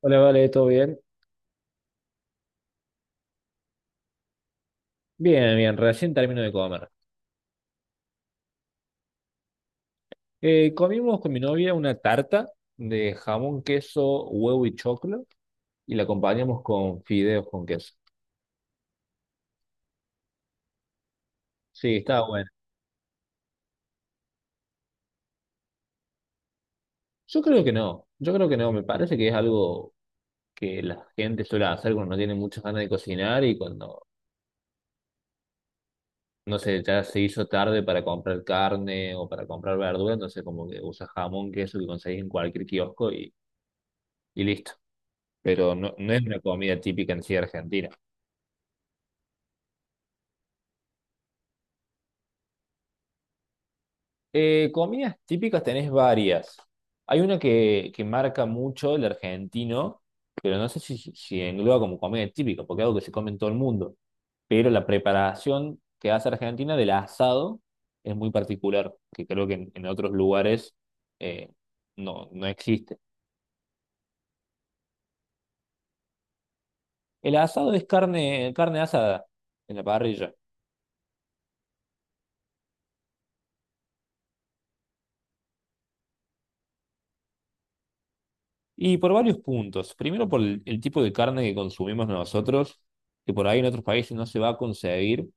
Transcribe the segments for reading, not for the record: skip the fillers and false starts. Hola, vale, ¿todo bien? Bien, bien, recién termino de comer. Comimos con mi novia una tarta de jamón, queso, huevo y choclo y la acompañamos con fideos con queso. Sí, estaba bueno. Yo creo que no, yo creo que no, me parece que es algo que la gente suele hacer cuando no tiene muchas ganas de cocinar y cuando, no sé, ya se hizo tarde para comprar carne o para comprar verdura, entonces como que usa jamón, queso que conseguís en cualquier kiosco y listo. Pero no, no es una comida típica en sí de Argentina. Comidas típicas tenés varias. Hay una que marca mucho el argentino, pero no sé si engloba como comida típica, porque es algo que se come en todo el mundo. Pero la preparación que hace Argentina del asado es muy particular, que creo que en otros lugares eh, no, no existe. El asado es carne, carne asada en la parrilla. Y por varios puntos. Primero por el tipo de carne que consumimos nosotros, que por ahí en otros países no se va a conseguir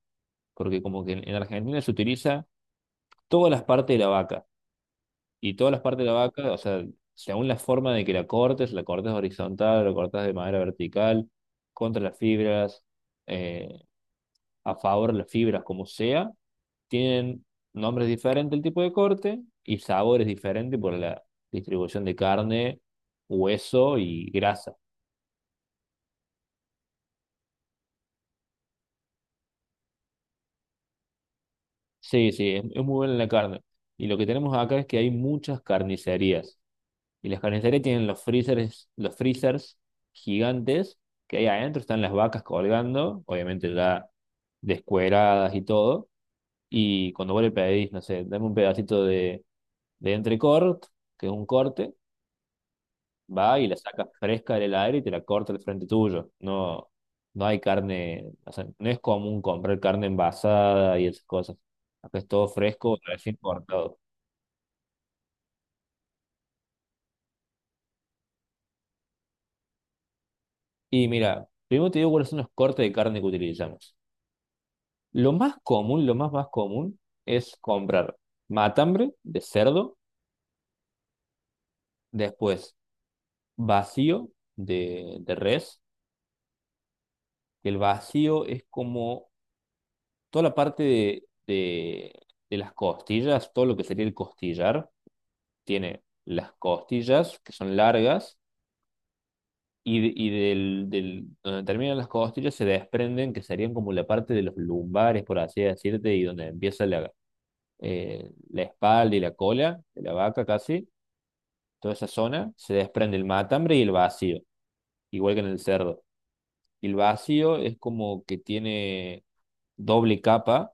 porque como que en Argentina se utiliza todas las partes de la vaca, y todas las partes de la vaca, o sea, según la forma de que la cortes horizontal, la cortas de manera vertical, contra las fibras, eh, a favor de las fibras, como sea, tienen nombres diferentes el tipo de corte y sabores diferentes por la distribución de carne, hueso y grasa. Sí, sí, es muy buena la carne. Y lo que tenemos acá es que hay muchas carnicerías. Y las carnicerías tienen los freezers gigantes que ahí adentro están las vacas colgando, obviamente ya descueradas y todo. Y cuando vos le pedís, no sé, dame un pedacito de entrecort, que es un corte, va y la sacas fresca del aire y te la corta al frente tuyo. No, no hay carne, o sea, no es común comprar carne envasada y esas cosas. Acá es todo fresco, recién cortado. Y mira, primero te digo cuáles son los cortes de carne que utilizamos. Lo más común, lo más común es comprar matambre de cerdo, después vacío de res. El vacío es como toda la parte de las costillas, todo lo que sería el costillar. Tiene las costillas que son largas y donde terminan las costillas se desprenden, que serían como la parte de los lumbares, por así decirte, y donde empieza la espalda y la cola de la vaca. Casi toda esa zona se desprende el matambre y el vacío, igual que en el cerdo. Y el vacío es como que tiene doble capa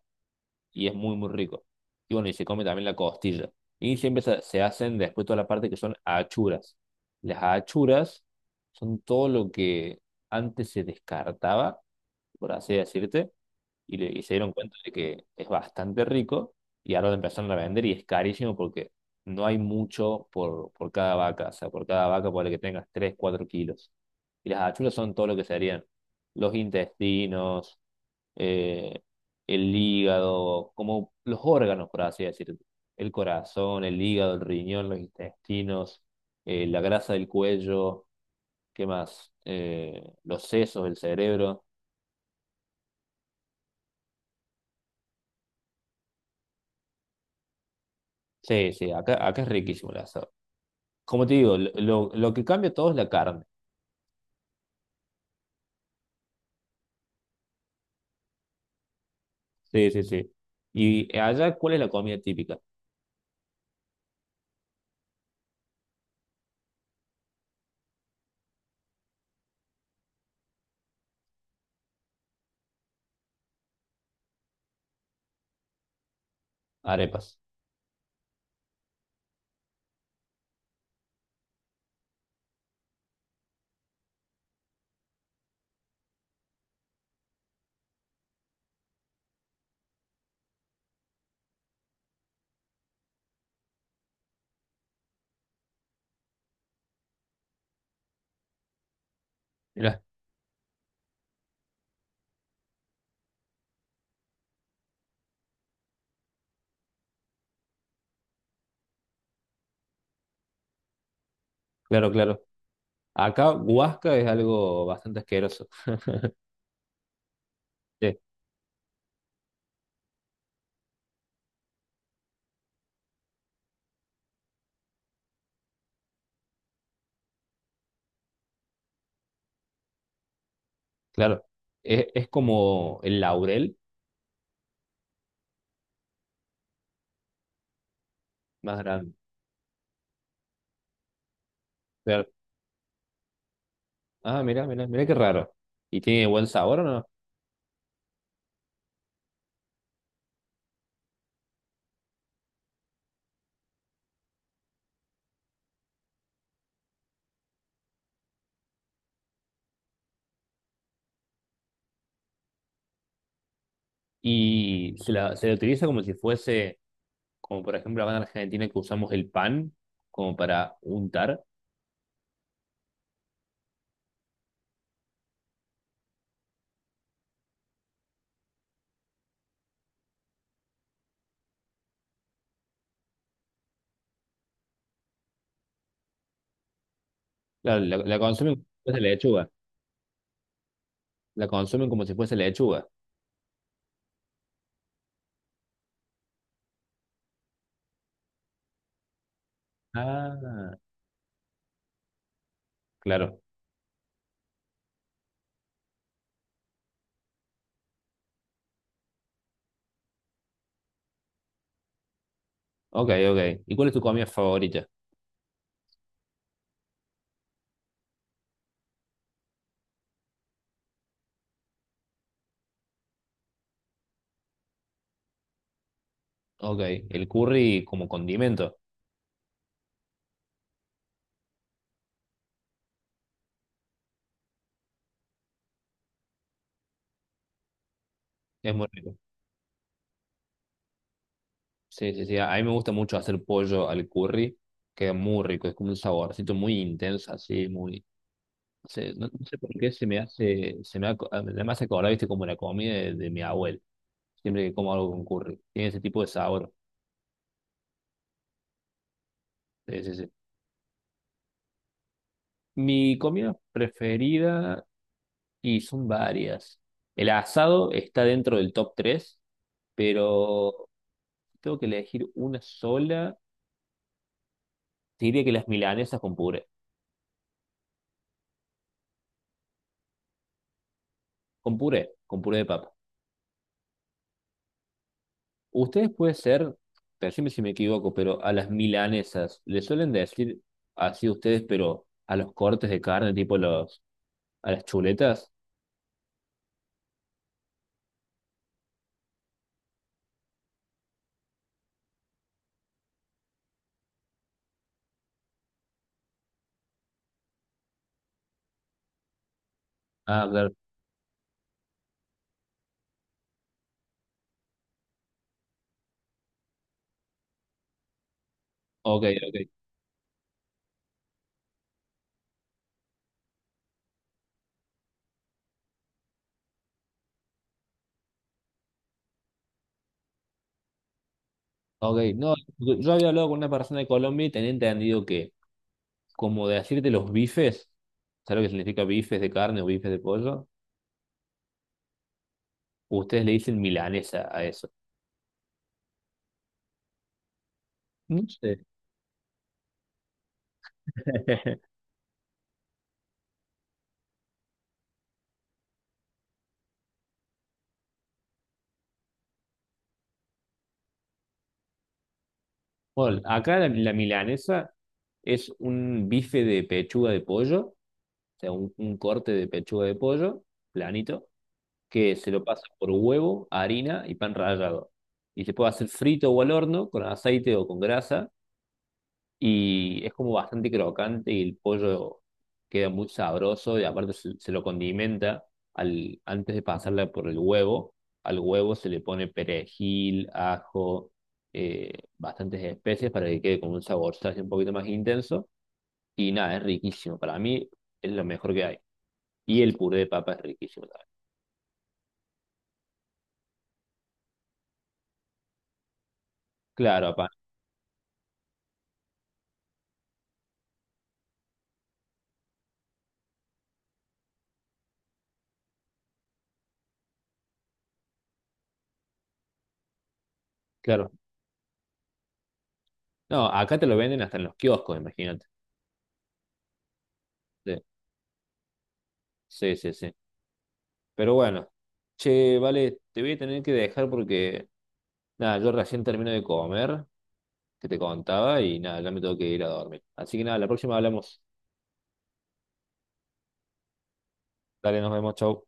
y es muy, muy rico. Y bueno, y se come también la costilla. Y siempre se hacen después toda la parte que son achuras. Las achuras son todo lo que antes se descartaba, por así decirte y se dieron cuenta de que es bastante rico y ahora lo empezaron a vender y es carísimo porque no hay mucho por cada vaca, o sea, por cada vaca puede que tengas 3 4 kilos. Y las achuras son todo lo que serían los intestinos, eh, el hígado, como los órganos, por así decirlo. El corazón, el hígado, el riñón, los intestinos, la grasa del cuello, ¿qué más? Los sesos, el cerebro. Sí, sí, acá es riquísimo. La Como te digo, lo que cambia todo es la carne. Sí, sí, sí. Y allá, ¿cuál es la comida típica? Arepas. Mirá, claro, claro. Acá, guasca es algo bastante asqueroso. Sí, claro. Es como el laurel más grande. Claro. Ah, mira, mira, mira qué raro. ¿Y tiene buen sabor o no? Y se la utiliza como si fuese, como por ejemplo acá en Argentina que usamos el pan como para untar. Claro, la consumen como si fuese lechuga. La consumen como si fuese lechuga. Ah. Claro. Ok, ok. ¿Y cuál es tu comida favorita? Ok, el curry como condimento. Es muy rico. Sí, sí, sí. A mí me gusta mucho hacer pollo al curry. Queda muy rico. Es como un saborcito muy intenso, así, muy. No sé, no, no sé por qué se me hace. Me hace acordar, viste, como la comida de mi abuelo. Siempre que como algo con curry. Tiene ese tipo de sabor. Sí, sí, sí. Mi comida preferida, y son varias. El asado está dentro del top 3, pero tengo que elegir una sola, te diría que las milanesas con puré. Con puré, con puré de papa. Ustedes puede ser, decime si me equivoco, pero a las milanesas le suelen decir así ustedes, pero a los cortes de carne, tipo a las chuletas. Ah, claro. Ok, ok. Ok, no, yo había hablado con una persona de Colombia y tenía entendido que, como decirte los bifes, ¿sabes lo que significa bifes de carne o bifes de pollo? Ustedes le dicen milanesa a eso. No sé. Bueno, acá la milanesa es un bife de pechuga de pollo, o sea, un corte de pechuga de pollo, planito, que se lo pasa por huevo, harina y pan rallado. Y se puede hacer frito o al horno, con aceite o con grasa y es como bastante crocante y el pollo queda muy sabroso y aparte se lo condimenta antes de pasarla por el huevo. Al huevo se le pone perejil, ajo, bastantes especias para que quede con un sabor así un poquito más intenso. Y nada, es riquísimo. Para mí es lo mejor que hay. Y el puré de papa es riquísimo también. Claro, papá, claro. No, acá te lo venden hasta en los kioscos, imagínate. Sí, sí, sí. Sí. Pero bueno, che, vale, te voy a tener que dejar porque, nada, yo recién termino de comer, que te contaba, y nada, ya me tengo que ir a dormir. Así que nada, la próxima hablamos. Dale, nos vemos, chau.